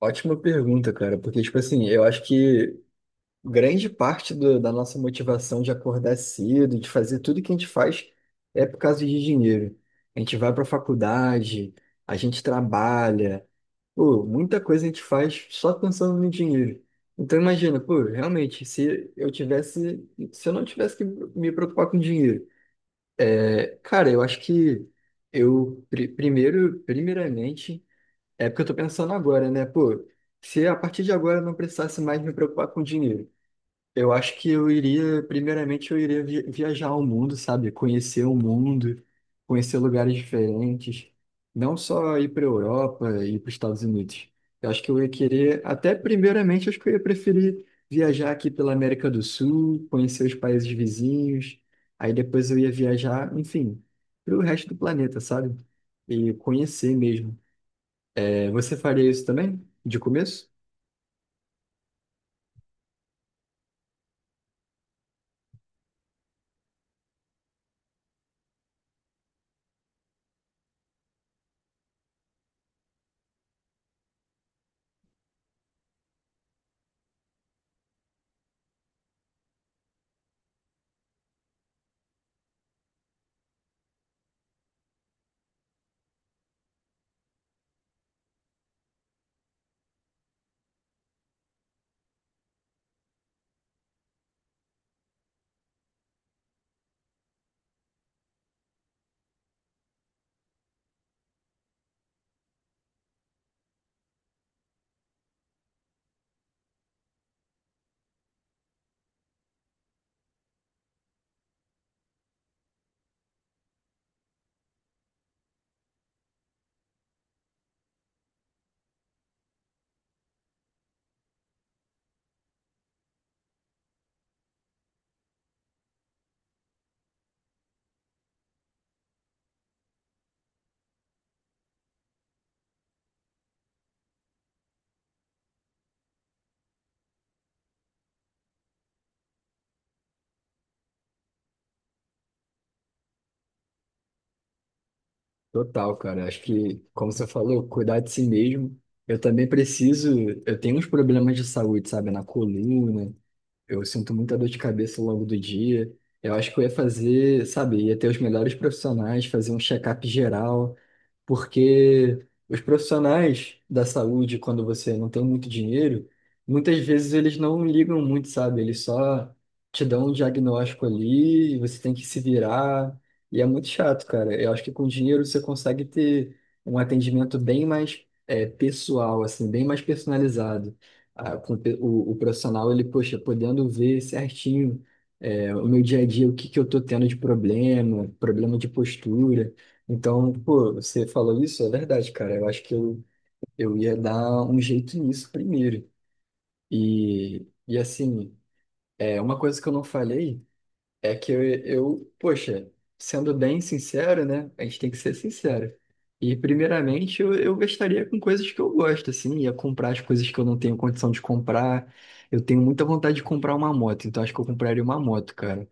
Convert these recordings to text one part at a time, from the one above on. Ótima pergunta, cara, porque, tipo assim, eu acho que grande parte da nossa motivação de acordar cedo, de fazer tudo que a gente faz, é por causa de dinheiro. A gente vai pra faculdade, a gente trabalha, pô, muita coisa a gente faz só pensando no dinheiro. Então, imagina, pô, realmente, se eu não tivesse que me preocupar com dinheiro, cara, eu acho que primeiro, primeiramente, é porque eu tô pensando agora, né? Pô, se a partir de agora eu não precisasse mais me preocupar com dinheiro, eu acho que eu iria, primeiramente, viajar ao mundo, sabe? Conhecer o mundo, conhecer lugares diferentes, não só ir para a Europa e para os Estados Unidos. Eu acho que eu ia querer, até primeiramente, acho que eu ia preferir viajar aqui pela América do Sul, conhecer os países vizinhos, aí depois eu ia viajar, enfim, para o resto do planeta, sabe? E conhecer mesmo. Você faria isso também? De começo? Total, cara. Acho que, como você falou, cuidar de si mesmo. Eu também preciso. Eu tenho uns problemas de saúde, sabe? Na coluna. Eu sinto muita dor de cabeça ao longo do dia. Eu acho que eu ia fazer, sabe? Ia ter os melhores profissionais, fazer um check-up geral. Porque os profissionais da saúde, quando você não tem muito dinheiro, muitas vezes eles não ligam muito, sabe? Eles só te dão um diagnóstico ali, e você tem que se virar, e é muito chato, cara. Eu acho que com dinheiro você consegue ter um atendimento bem mais pessoal, assim, bem mais personalizado. Ah, o profissional, ele, poxa, podendo ver certinho. O meu dia a dia, o que que eu tô tendo de problema, problema de postura. Então, pô, você falou isso, é verdade, cara. Eu acho que eu ia dar um jeito nisso primeiro. E assim, é, uma coisa que eu não falei é que poxa, sendo bem sincero, né? A gente tem que ser sincero. E primeiramente eu gastaria com coisas que eu gosto, assim, ia comprar as coisas que eu não tenho condição de comprar. Eu tenho muita vontade de comprar uma moto, então acho que eu compraria uma moto, cara.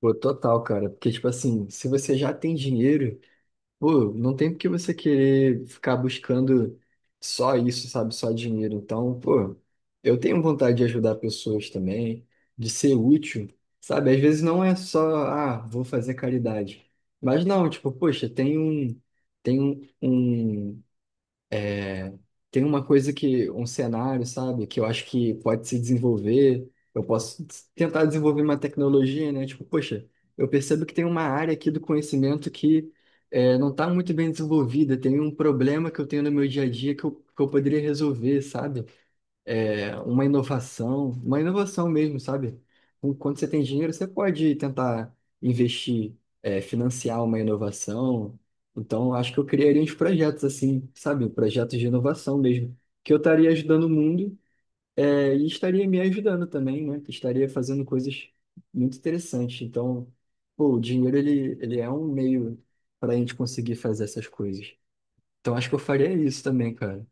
Pô, total, cara. Porque, tipo assim, se você já tem dinheiro. Pô, não tem porque você querer ficar buscando só isso, sabe? Só dinheiro. Então, pô, eu tenho vontade de ajudar pessoas também, de ser útil, sabe? Às vezes não é só, ah, vou fazer caridade. Mas não, tipo, poxa, tem um, um tem uma coisa que, um cenário, sabe, que eu acho que pode se desenvolver. Eu posso tentar desenvolver uma tecnologia, né? Tipo, poxa, eu percebo que tem uma área aqui do conhecimento que é, não está muito bem desenvolvida, tem um problema que eu tenho no meu dia a dia que eu poderia resolver, sabe? É, uma inovação mesmo, sabe? Quando você tem dinheiro, você pode tentar investir, é, financiar uma inovação. Então, acho que eu criaria uns projetos assim, sabe? Projetos de inovação mesmo, que eu estaria ajudando o mundo, é, e estaria me ajudando também, né? Que estaria fazendo coisas muito interessantes. Então, pô, o dinheiro, ele é um meio para a gente conseguir fazer essas coisas. Então, acho que eu faria isso também, cara.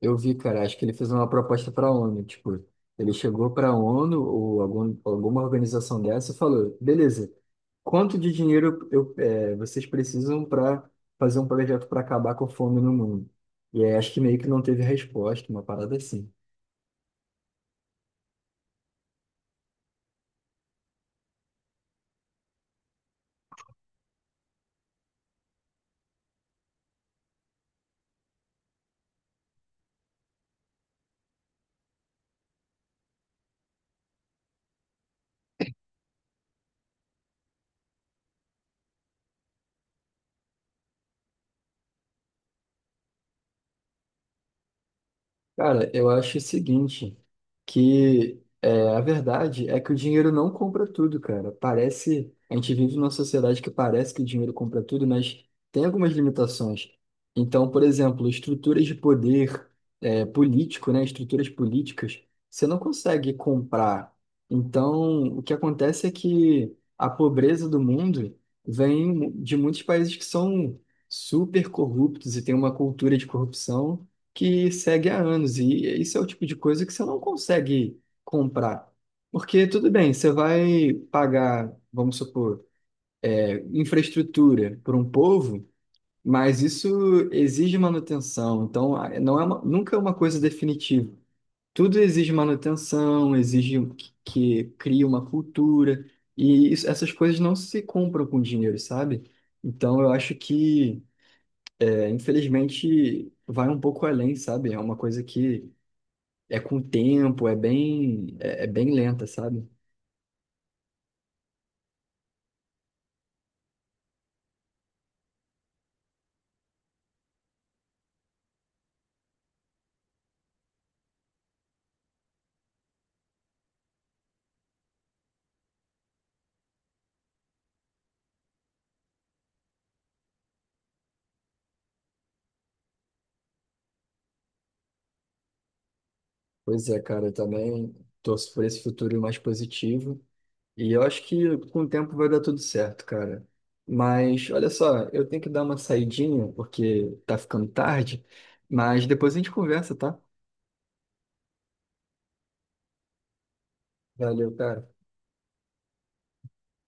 Eu vi, cara, acho que ele fez uma proposta para a ONU, tipo, ele chegou para a ONU ou alguma organização dessa e falou, beleza, quanto de dinheiro vocês precisam para fazer um projeto para acabar com a fome no mundo? E aí, acho que meio que não teve resposta, uma parada assim. Cara, eu acho o seguinte, a verdade é que o dinheiro não compra tudo, cara. Parece, a gente vive numa sociedade que parece que o dinheiro compra tudo, mas tem algumas limitações. Então, por exemplo, estruturas de poder político, né, estruturas políticas, você não consegue comprar. Então, o que acontece é que a pobreza do mundo vem de muitos países que são super corruptos e tem uma cultura de corrupção que segue há anos. E isso é o tipo de coisa que você não consegue comprar. Porque, tudo bem, você vai pagar, vamos supor, é, infraestrutura para um povo, mas isso exige manutenção. Então, nunca é uma coisa definitiva. Tudo exige manutenção, exige que crie uma cultura. Essas coisas não se compram com dinheiro, sabe? Então, eu acho que, é, infelizmente, vai um pouco além, sabe? É uma coisa que é com o tempo, é, é bem lenta, sabe? Pois é, cara, eu também torço por esse futuro mais positivo. E eu acho que com o tempo vai dar tudo certo, cara. Mas olha só, eu tenho que dar uma saidinha porque tá ficando tarde, mas depois a gente conversa, tá? Valeu, cara.